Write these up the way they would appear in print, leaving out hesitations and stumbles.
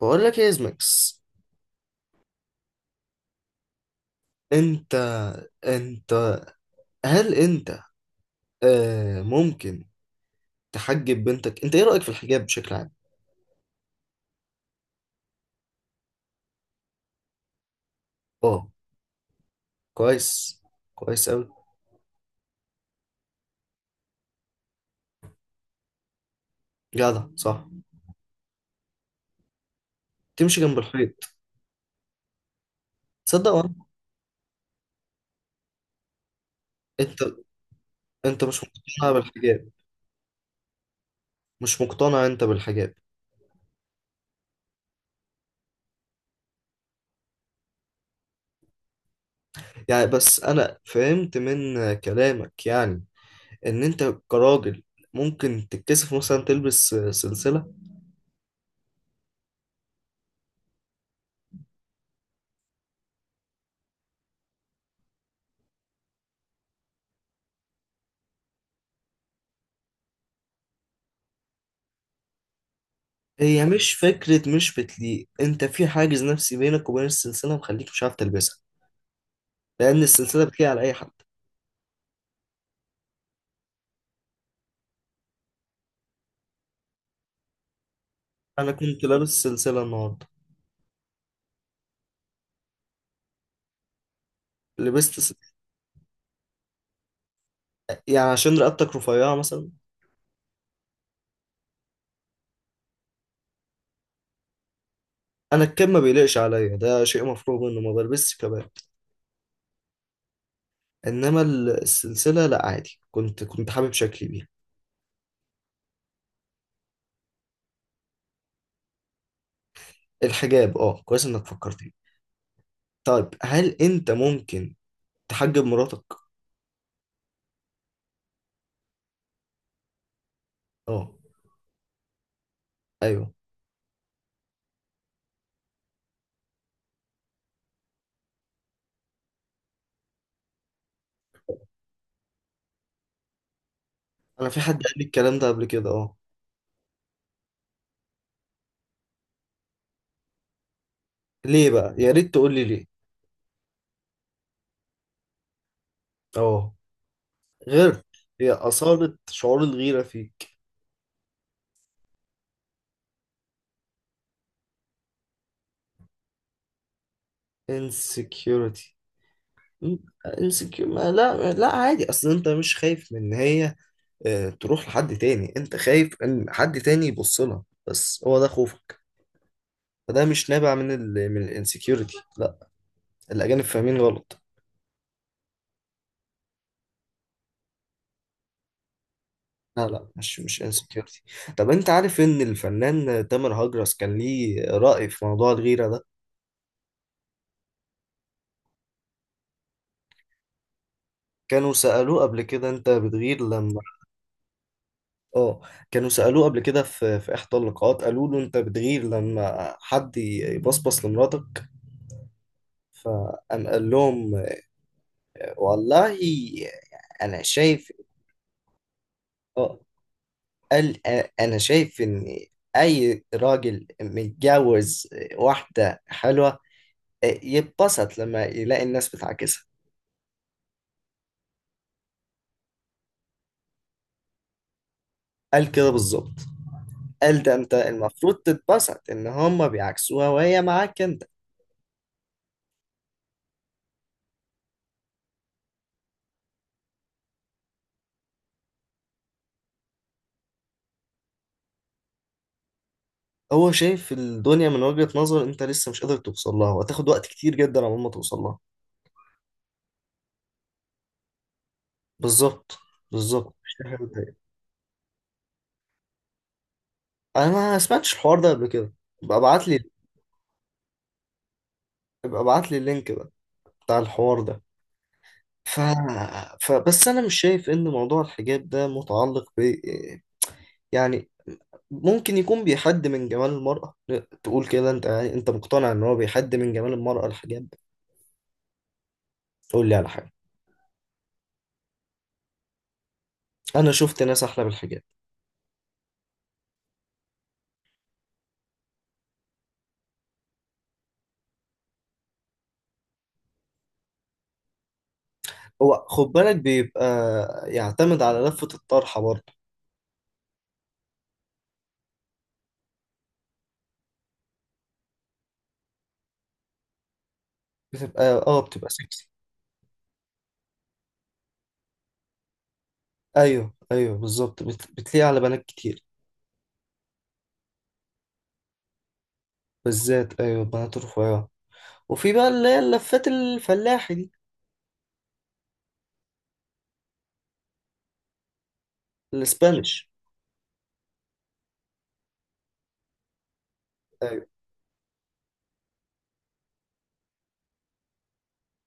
بقول لك ايه، ازمكس؟ انت انت هل انت آه ممكن تحجب بنتك؟ انت، ايه رأيك في الحجاب بشكل عام؟ اه، كويس. كويس قوي. جدع، صح؟ تمشي جنب الحيط. تصدق وانا. انت انت مش مقتنع بالحجاب؟ مش مقتنع انت بالحجاب؟ يعني، بس انا فهمت من كلامك، يعني ان انت كراجل ممكن تتكسف مثلا تلبس سلسلة؟ هي مش فكرة مش بتليق، انت في حاجز نفسي بينك وبين السلسلة مخليك مش عارف تلبسها، لأن السلسلة بتليق على أي حد. أنا كنت لابس سلسلة النهاردة. لبست س... يعني عشان رقبتك رفيعة مثلا؟ أنا الكم ما بيليقش عليا، ده شيء مفروغ منه، ما بلبسش كبات. إنما السلسلة لأ، عادي، كنت حابب شكلي بيها. الحجاب، اه، كويس إنك فكرتني. طيب، هل أنت ممكن تحجب مراتك؟ اه. أيوه. أنا في حد قال لي الكلام ده قبل كده، اه. ليه بقى؟ يا ريت تقول لي ليه. اه. غيرك؟ هي أصالة شعور الغيرة فيك؟ Insecurity. م- Insecure؟ ما لا، لا، عادي، اصل انت مش خايف من ان هي تروح لحد تاني، انت خايف ان حد تاني يبص لها، بس هو ده خوفك. فده مش نابع من من الانسكيورتي. لا. الاجانب فاهمين غلط. لا، لا، مش انسكيورتي. طب انت عارف ان الفنان تامر هجرس كان ليه رأي في موضوع الغيرة ده؟ كانوا سألوه قبل كده، انت بتغير لما... اه. كانوا سألوه قبل كده في إحدى اللقاءات، قالوا له: أنت بتغير لما حد يبصبص لمراتك؟ فقام قال لهم والله أنا شايف. اه. قال أنا شايف إن أي راجل متجوز واحدة حلوة يتبسط لما يلاقي الناس بتعاكسها. قال كده بالظبط. قال ده أنت المفروض تتبسط إن هما بيعكسوها وهي معاك أنت. هو شايف الدنيا من وجهة نظر انت لسه مش قادر توصل لها، وهتاخد وقت كتير جدا على ما توصل لها. بالظبط. بالظبط، مش دي حاجة بتضايق. انا ما سمعتش الحوار ده قبل كده. ابقى ابعت لي. ابقى ابعت لي اللينك بقى بتاع الحوار ده. ف... فبس انا مش شايف ان موضوع الحجاب ده متعلق ب، يعني ممكن يكون بيحد من جمال المرأة. تقول كده انت؟ يعني انت مقتنع ان هو بيحد من جمال المرأة، الحجاب؟ تقول لي على حاجة. انا شفت ناس احلى بالحجاب. هو خد بالك، بيبقى يعتمد على لفة الطرحة برضه. بتبقى اه بتبقى سكسي. ايوه، ايوه، بالظبط، بتليق على بنات كتير. بالذات، ايوه، بنات رفيعة. وفي بقى اللي هي اللفات الفلاحي دي، الاسبانيش. ايوه.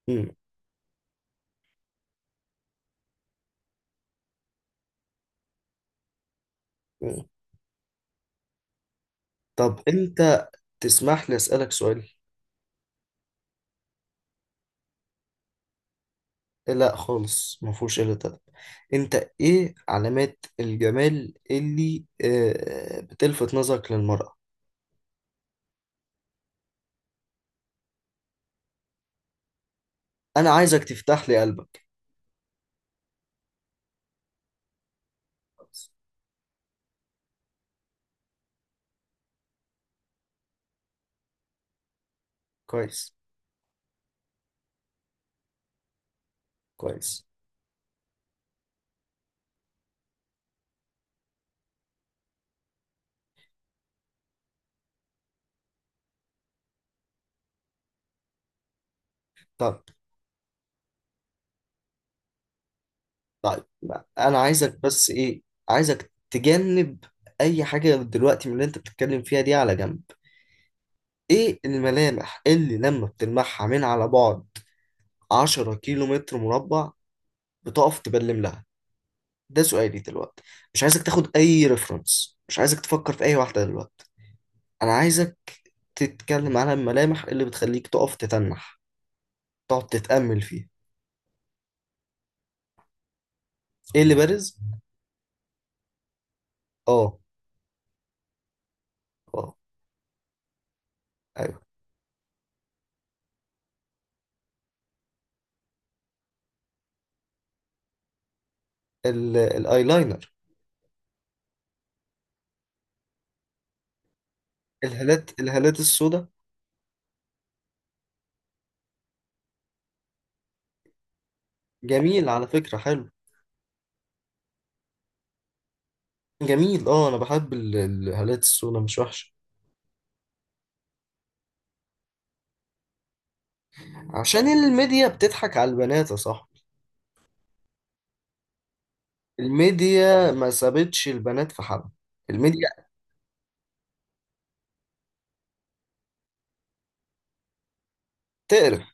مم. مم. طب انت تسمح لي اسألك سؤال؟ لا خالص، ما فيهوش الا ده. انت ايه علامات الجمال اللي بتلفت نظرك للمرأة؟ انا عايزك تفتح لي قلبك. كويس. كويس. طب. طيب، ما انا عايزك بس ايه، عايزك تجنب اي حاجه دلوقتي من اللي انت بتتكلم فيها دي على جنب. ايه الملامح اللي لما بتلمحها من على بعد 10 كيلو متر مربع بتقف تبلم لها؟ ده سؤالي دلوقتي. مش عايزك تاخد اي ريفرنس، مش عايزك تفكر في اي واحده دلوقتي. انا عايزك تتكلم على الملامح اللي بتخليك تقف تتنح، تقعد تتأمل فيها. ايه اللي بارز؟ اه. اه. ايوه. الايلاينر؟ الهالات السوداء. جميل على فكرة، حلو. جميل، اه، انا بحب الهالات السودا، مش وحشة. عشان الميديا بتضحك على البنات يا صاحبي. الميديا ما سابتش البنات في حالها. الميديا. تقرح.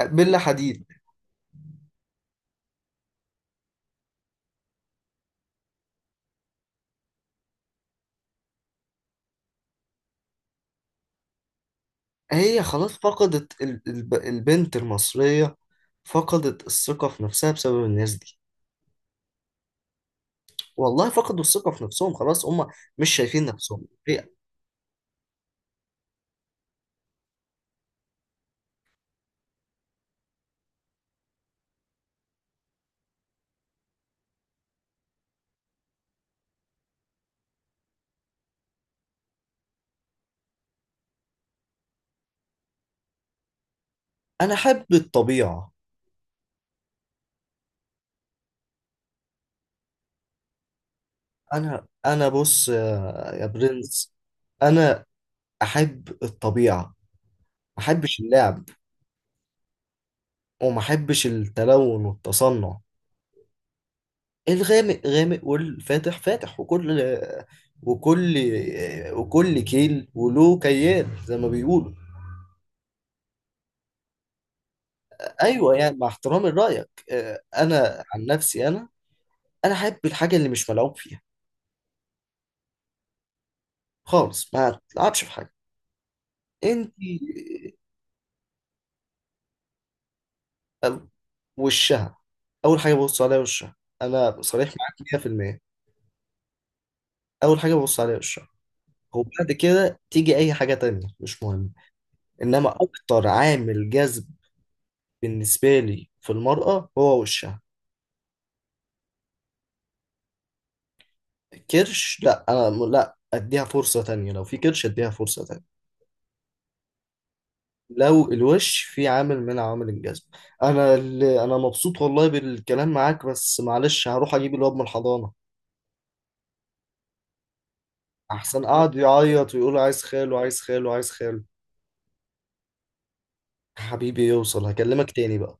بلا حديد. هي خلاص فقدت، البنت المصرية فقدت الثقة في نفسها بسبب الناس دي. والله فقدوا الثقة في نفسهم خلاص هم، مش شايفين نفسهم. انا احب الطبيعة. انا بص يا، يا برنس، انا احب الطبيعة، ما احبش اللعب، وما احبش التلون والتصنع. الغامق غامق والفاتح فاتح، وكل وكل كيل وله كيال زي ما بيقولوا. ايوه، يعني مع احترامي لرايك، انا عن نفسي، انا احب الحاجه اللي مش ملعوب فيها خالص، ما تلعبش في حاجه. انت آه، وشها. اول حاجه ببص عليها وشها. انا صريح معاك 100%. اول حاجه ببص عليها وشها، وبعد كده تيجي اي حاجه تانية مش مهم. انما اكتر عامل جذب بالنسبه لي في المرأة هو وشها. كرش؟ لا، انا لا، اديها فرصة تانية. لو في كرش اديها فرصة تانية، لو الوش في عامل من عوامل الجذب. انا، انا مبسوط والله بالكلام معاك، بس معلش هروح اجيب الواد من الحضانة، احسن قعد يعيط ويقول عايز خاله، عايز خاله، عايز خاله. حبيبي يوصل، هكلمك تاني بقى.